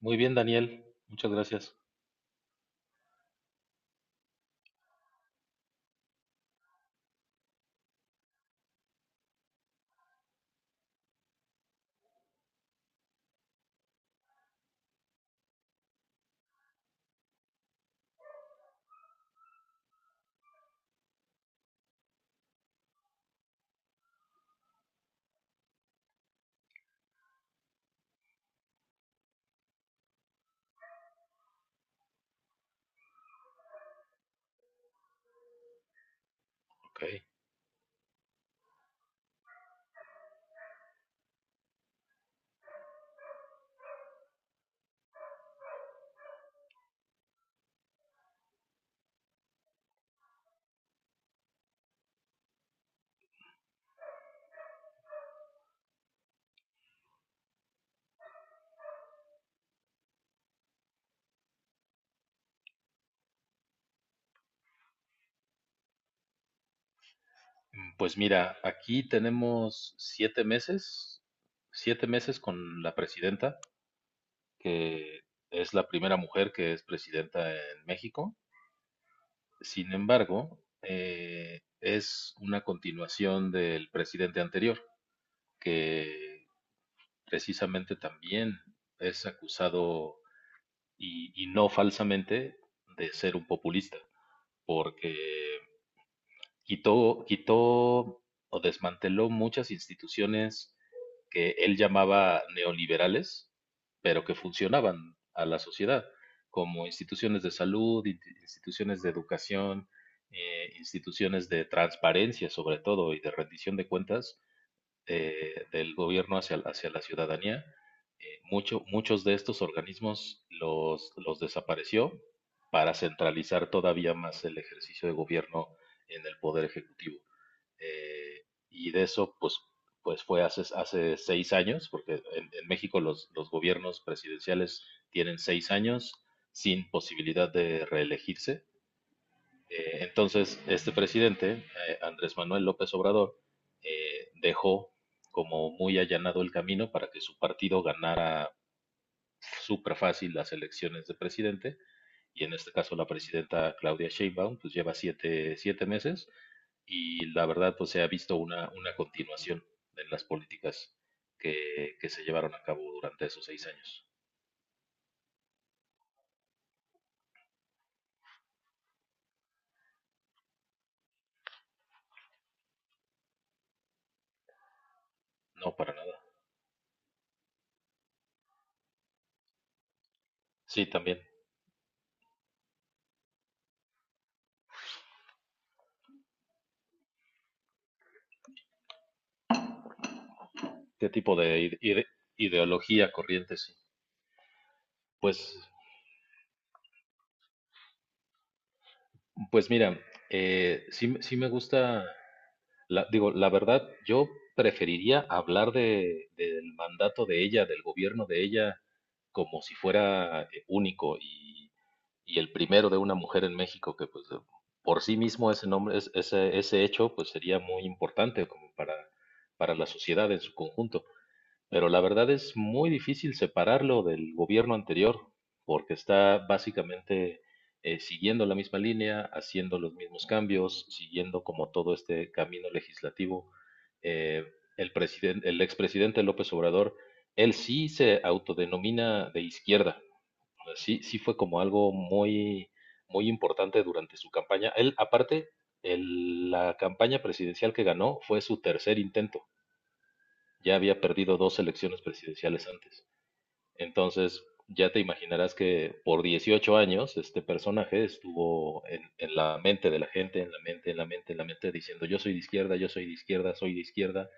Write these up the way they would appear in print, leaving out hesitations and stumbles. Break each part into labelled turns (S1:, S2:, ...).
S1: Muy bien, Daniel. Muchas gracias. Ok, pues mira, aquí tenemos 7 meses, 7 meses con la presidenta, que es la primera mujer que es presidenta en México. Sin embargo, es una continuación del presidente anterior, que precisamente también es acusado, y no falsamente, de ser un populista, porque quitó o desmanteló muchas instituciones que él llamaba neoliberales, pero que funcionaban a la sociedad, como instituciones de salud, instituciones de educación, instituciones de transparencia sobre todo y de rendición de cuentas, del gobierno hacia la ciudadanía. Muchos de estos organismos los desapareció para centralizar todavía más el ejercicio de gobierno en el Poder Ejecutivo. Eh, y de eso, pues fue hace 6 años, porque en México los gobiernos presidenciales tienen 6 años sin posibilidad de reelegirse. Entonces, este presidente, Andrés Manuel López Obrador, dejó como muy allanado el camino para que su partido ganara súper fácil las elecciones de presidente, y en este caso la presidenta Claudia Sheinbaum pues lleva siete meses, y la verdad, pues se ha visto una continuación en las políticas que se llevaron a cabo durante esos 6 años. No, para nada. Sí, también. ¿Qué tipo de ideología corriente? Sí. Pues Pues mira, sí me gusta, digo, la verdad, yo preferiría hablar del mandato de ella, del gobierno de ella, como si fuera único y el primero de una mujer en México, que pues por sí mismo ese nombre, ese hecho, pues sería muy importante como para la sociedad en su conjunto. Pero la verdad es muy difícil separarlo del gobierno anterior, porque está básicamente siguiendo la misma línea, haciendo los mismos cambios, siguiendo como todo este camino legislativo. Eh, el expresidente López Obrador, él sí se autodenomina de izquierda. O sea, sí, sí fue como algo muy, muy importante durante su campaña. Él, aparte, la campaña presidencial que ganó fue su tercer intento. Ya había perdido dos elecciones presidenciales antes. Entonces, ya te imaginarás que por 18 años este personaje estuvo en la mente de la gente, en la mente, en la mente, en la mente, diciendo yo soy de izquierda, yo soy de izquierda,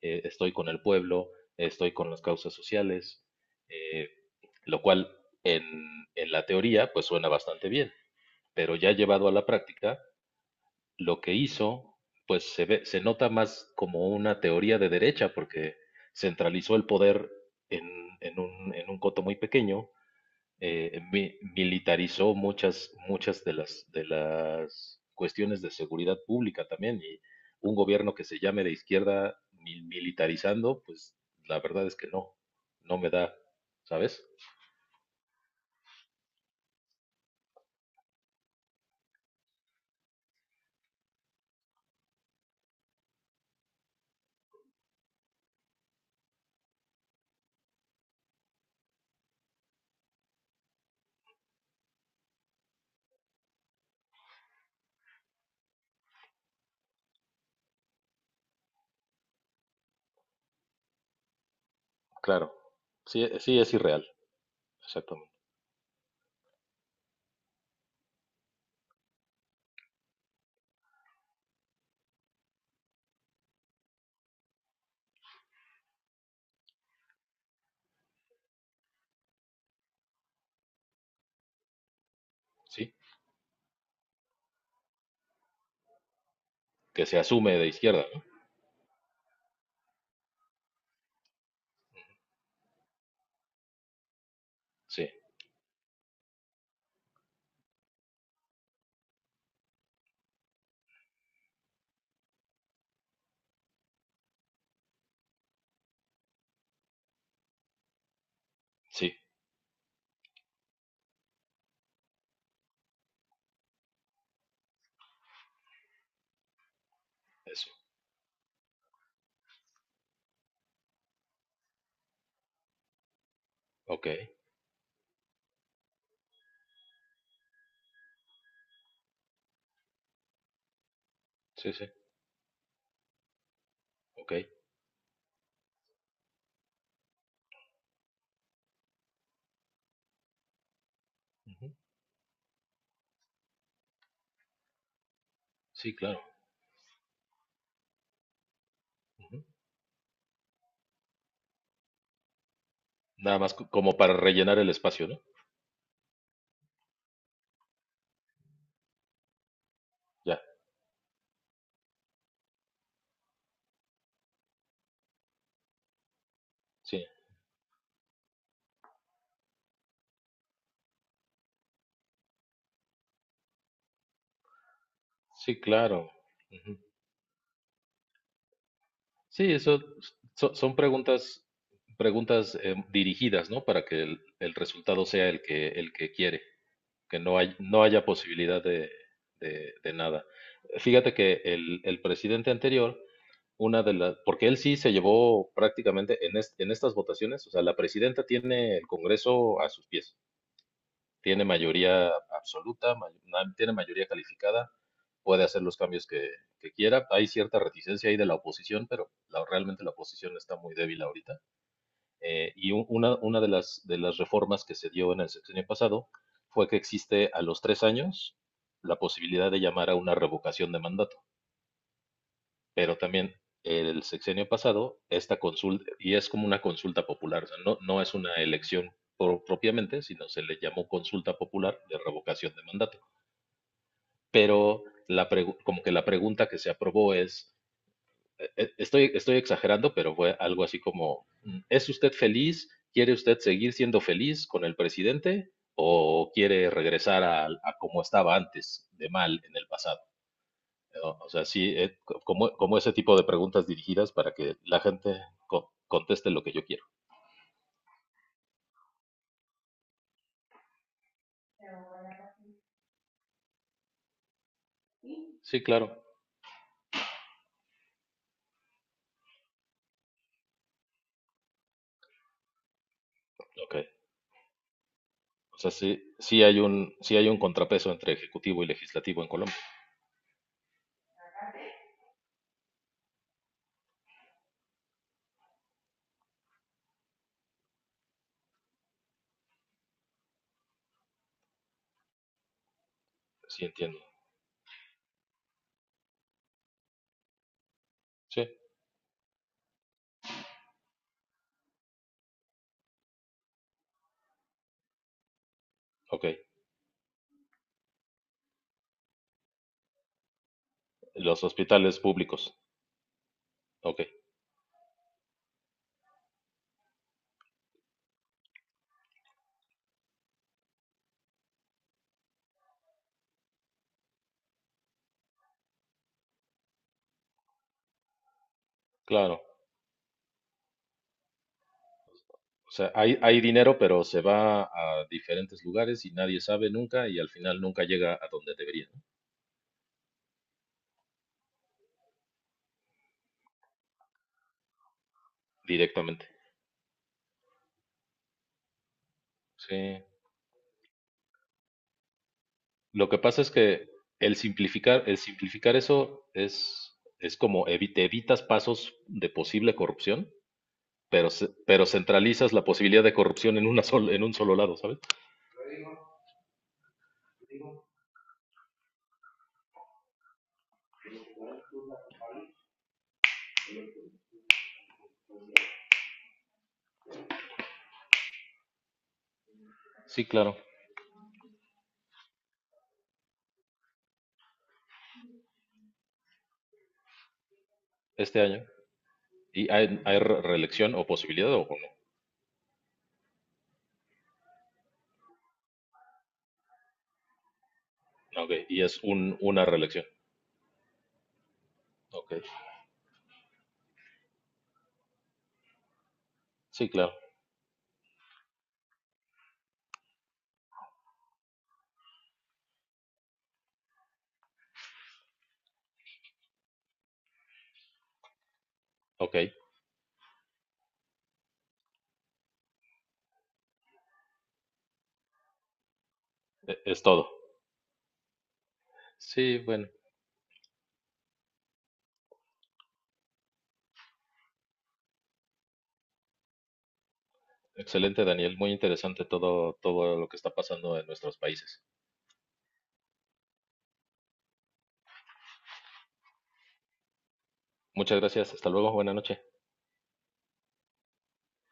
S1: estoy con el pueblo, estoy con las causas sociales, eh, lo cual en la teoría pues suena bastante bien, pero ya llevado a la práctica lo que hizo, pues se ve, se nota más como una teoría de derecha, porque centralizó el poder en, en un coto muy pequeño, militarizó muchas de las cuestiones de seguridad pública también, y un gobierno que se llame de izquierda militarizando, pues la verdad es que no, no me da, ¿sabes? Claro, sí, sí es irreal, exactamente, sí, que se asume de izquierda, ¿no? Sí, sí, eso, ok. Sí, sí, ok. Ujú. Sí, claro. Ujú. Nada más como para rellenar el espacio, ¿no? Ya, sí, sí, claro. Ujú. Sí, eso son preguntas dirigidas, ¿no? Para que el resultado sea el que quiere, que no haya posibilidad de nada. Fíjate que el presidente anterior, porque él sí se llevó prácticamente en estas votaciones, o sea, la presidenta tiene el Congreso a sus pies. Tiene mayoría absoluta, tiene mayoría calificada, puede hacer los cambios que quiera. Hay cierta reticencia ahí de la oposición, pero realmente la oposición está muy débil ahorita. Y una de las reformas que se dio en el sexenio pasado fue que existe a los 3 años la posibilidad de llamar a una revocación de mandato, pero también el sexenio pasado, esta consulta, y es como una consulta popular, o sea, no, no es una elección propiamente, sino se le llamó consulta popular de revocación de mandato. Pero la como que la pregunta que se aprobó es, estoy exagerando, pero fue algo así como, ¿es usted feliz? ¿Quiere usted seguir siendo feliz con el presidente o quiere regresar a como estaba antes, de mal en el pasado? ¿No? O sea, sí, como ese tipo de preguntas dirigidas para que la gente conteste lo que yo quiero. Sí, claro. Ok. O sea, sí, sí hay un contrapeso entre ejecutivo y legislativo en Colombia. Sí, entiendo. Sí, ok. Los hospitales públicos. Ok, claro. O sea, hay dinero, pero se va a diferentes lugares y nadie sabe nunca y al final nunca llega a donde debería, ¿no? Directamente. Sí. Lo que pasa es que el simplificar eso es como te evitas pasos de posible corrupción, pero centralizas la posibilidad de corrupción en un solo lado, ¿sabes? Sí, claro, este año. ¿Y hay reelección o posibilidad o no? Ok, y es una reelección. Ok. Sí, claro. Ok, es todo. Sí, bueno, excelente, Daniel. Muy interesante todo, todo lo que está pasando en nuestros países. Muchas gracias. Hasta luego. Buena noche.